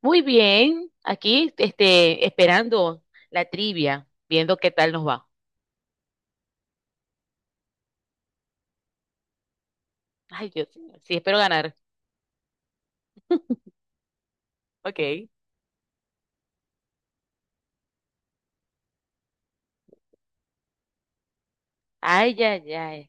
Muy bien, aquí esperando la trivia, viendo qué tal nos va. Ay, Dios mío, sí, espero ganar. Ok. Ay, ay, ay.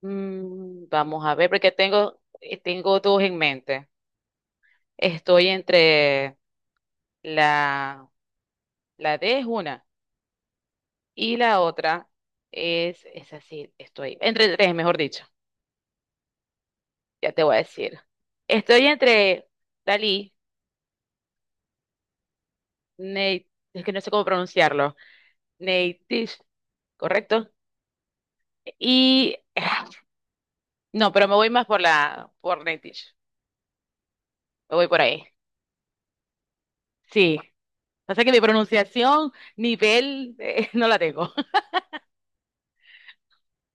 Mm, vamos a ver, porque tengo, tengo dos en mente. Estoy entre la, la D es una y la otra es así, estoy entre tres, mejor dicho, ya te voy a decir. Estoy entre Dalí, Nate, es que no sé cómo pronunciarlo, Nate, ¿correcto? Y no, pero me voy más por la por Netish. Me voy por ahí. Sí. Pasa que mi pronunciación, nivel, no la tengo.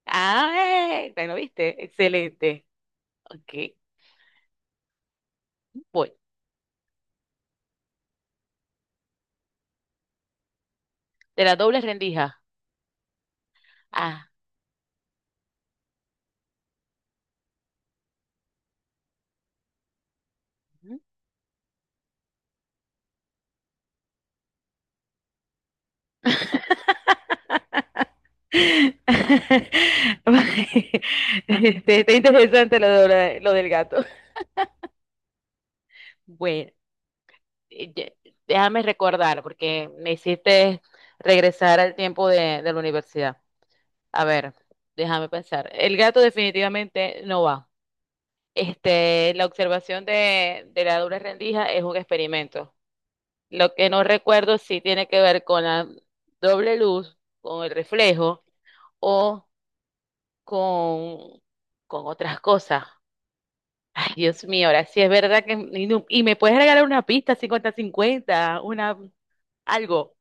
Ah, bueno, viste. Excelente. Ok, voy. De la doble rendija. Ah. Este, está interesante lo del gato. Bueno, eh, ye- déjame recordar porque me hiciste regresar al tiempo de la universidad. A ver, déjame pensar. El gato definitivamente no va. Este, la observación de la doble rendija es un experimento. Lo que no recuerdo si tiene que ver con la doble luz, con el reflejo o con, con otras cosas. Ay, Dios mío, ahora sí es verdad que... Y, y me puedes regalar una pista cincuenta-cincuenta, una, algo.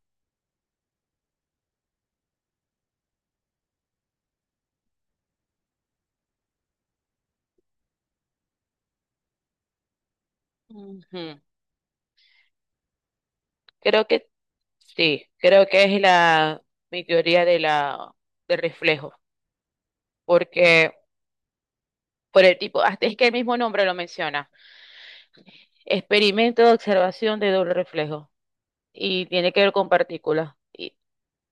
Ujú. Creo que sí, creo que es mi teoría de de reflejo, porque hasta es que el mismo nombre lo menciona, experimento de observación de doble reflejo, y tiene que ver con partículas, y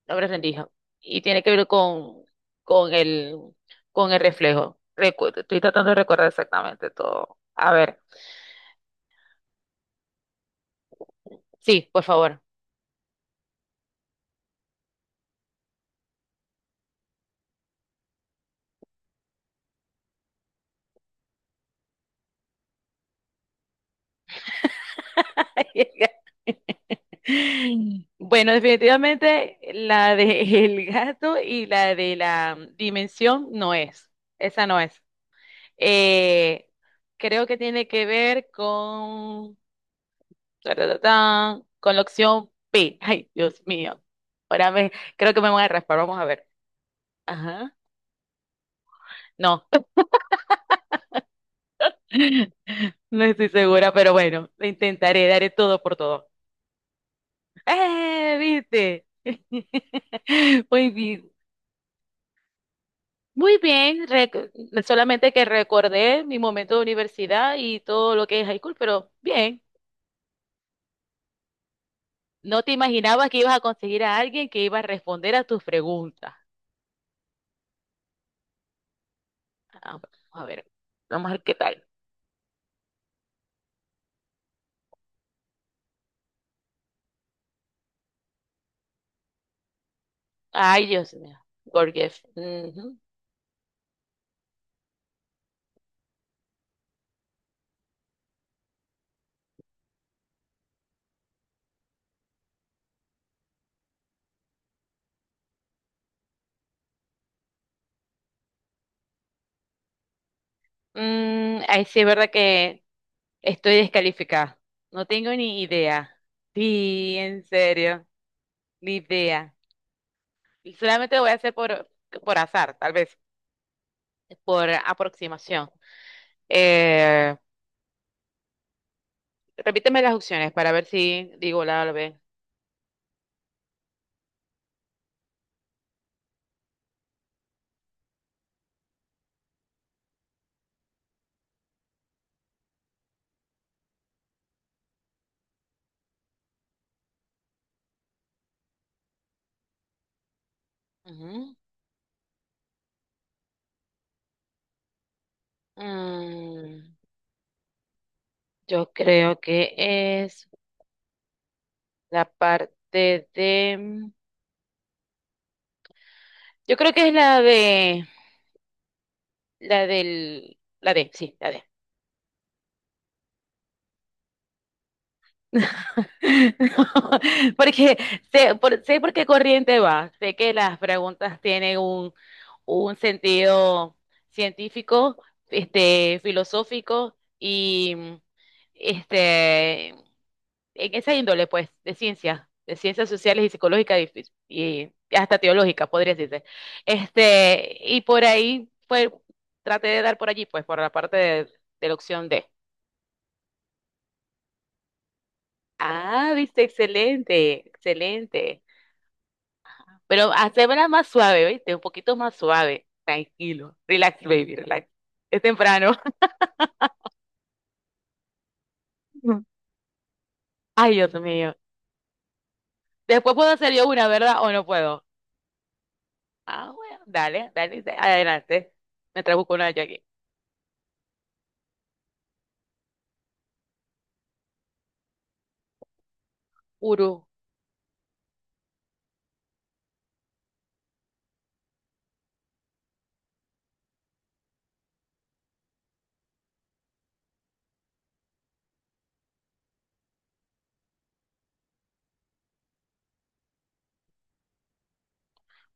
doble rendija, y tiene que ver con el, con el reflejo. Estoy tratando de recordar exactamente todo. A ver, sí, por favor. Bueno, definitivamente la de el gato y la de la dimensión no es. Esa no es. Eh, creo que tiene que ver taratatán, con la opción P. Ay, Dios mío. Creo que me voy a raspar, vamos a ver. Ajá. No, no estoy segura, pero bueno, lo intentaré, daré todo por todo. ¡Eh! ¿Viste? Muy bien. Muy bien, solamente que recordé mi momento de universidad y todo lo que es high school, pero bien, no te imaginabas que ibas a conseguir a alguien que iba a responder a tus preguntas. Ah, bueno, a ver, vamos a ver qué tal. Ay, Dios mío. Gorgeous. Ujú. Mm, ay, sí, es verdad que estoy descalificada. No tengo ni idea. Sí, en serio, ni idea. Y solamente lo voy a hacer por azar, tal vez, por aproximación. Eh, repíteme las opciones para ver si digo la A o la B. Ujú. Mm, yo creo que es la parte de... Yo creo que es la de... la D, sí, la D. Porque sé por qué corriente va, sé que las preguntas tienen un sentido científico, este, filosófico y este, en esa índole, pues, de ciencia, de ciencias sociales y psicológicas y, y hasta teológica, podría decirse. Este, y por ahí fue, traté de dar por allí, pues, por la parte de la opción D. Ah, viste, excelente, excelente. Pero hacémela más suave, ¿viste? Un poquito más suave. Tranquilo. Relax, baby, relax. Es temprano. Ay, Dios mío. Después puedo hacer yo una, ¿verdad? ¿O no puedo? Ah, bueno, dale, dale, adelante. Me busco una yo aquí. Uru,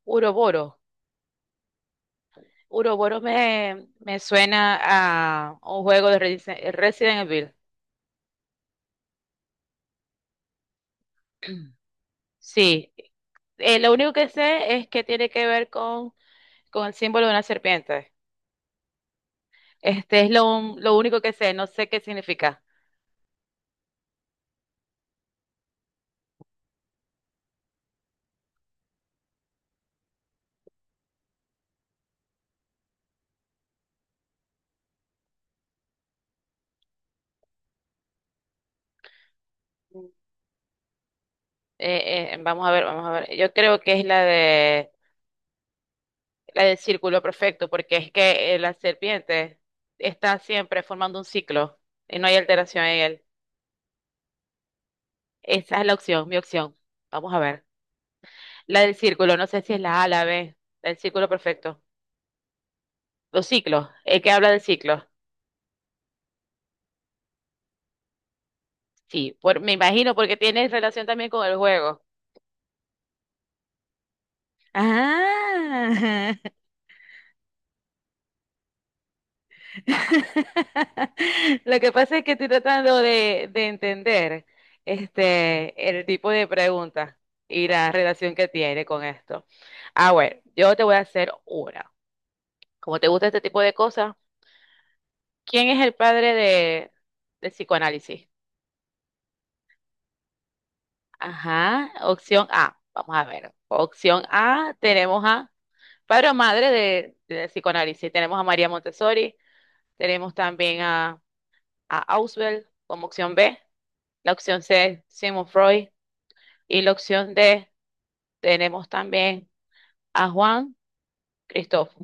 Uroboro. Me suena a un juego de Resident Evil. Sí, lo único que sé es que tiene que ver con el símbolo de una serpiente. Este es lo único que sé, no sé qué significa. Vamos a ver, vamos a ver. Yo creo que es la de la del círculo perfecto, porque es que la serpiente está siempre formando un ciclo y no hay alteración en él. Esa es mi opción. Vamos a ver. La del círculo, no sé si es la A, la B, la del círculo perfecto. ¿Los ciclos, el que habla del ciclo? Sí, por, me imagino porque tiene relación también con el juego. Ah, Lo que pasa es que estoy tratando de entender este, el tipo de pregunta y la relación que tiene con esto. Ah, bueno, yo te voy a hacer una. Como te gusta este tipo de cosas, ¿quién es el padre del psicoanálisis? Ajá, opción A. Vamos a ver. Opción A, tenemos a padre o madre de psicoanálisis. Tenemos a María Montessori, tenemos también a Auswell como opción B. La opción C, Sigmund Freud. Y la opción D, tenemos también a Juan Cristóbal.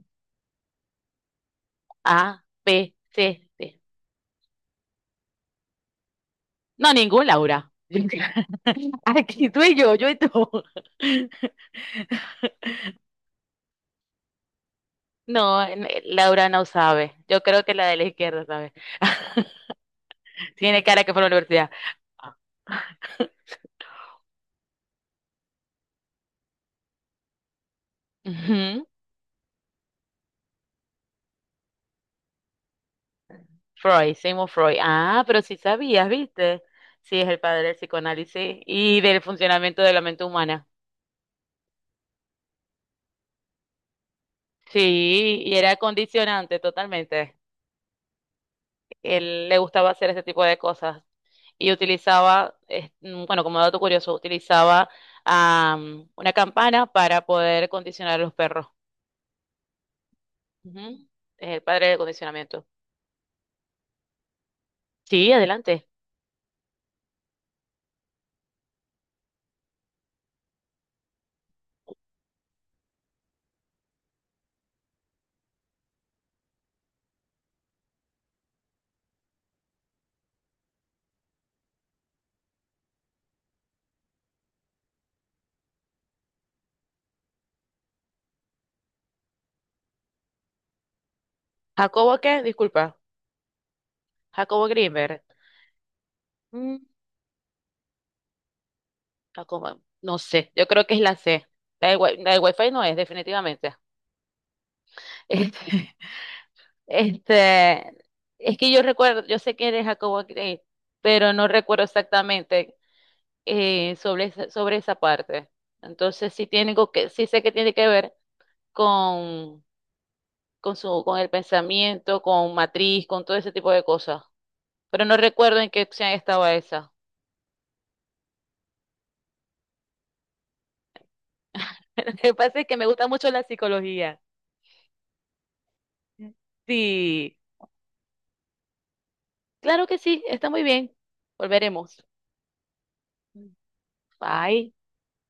A, B, C, D. No, ningún Laura. Aquí tú y yo y tú. No, Laura no sabe. Yo creo que la de la izquierda sabe. Tiene cara que fue a la universidad. Ujú. Freud, Sigmund Freud. Ah, pero sí sabías, ¿viste? Sí, es el padre del psicoanálisis y del funcionamiento de la mente humana. Sí, y era condicionante totalmente. Él le gustaba hacer ese tipo de cosas y utilizaba, bueno, como dato curioso, utilizaba una campana para poder condicionar a los perros. Ujú. Es el padre de condicionamiento. Sí, adelante. ¿Jacobo qué? Disculpa. Jacobo Greenberg. Mm, Jacobo, no sé, yo creo que es la C. La del Wi-Fi no es, definitivamente. Este, este, es que yo recuerdo, yo sé que eres Jacobo Greenberg, pero no recuerdo exactamente. Eh, sobre esa parte. Entonces, sí, sí sé que tiene que ver con, con el pensamiento, con matriz, con todo ese tipo de cosas. Pero no recuerdo en qué opción estaba esa. Lo que pasa es que me gusta mucho la psicología. Sí, claro que sí, está muy bien. Volveremos. Bye.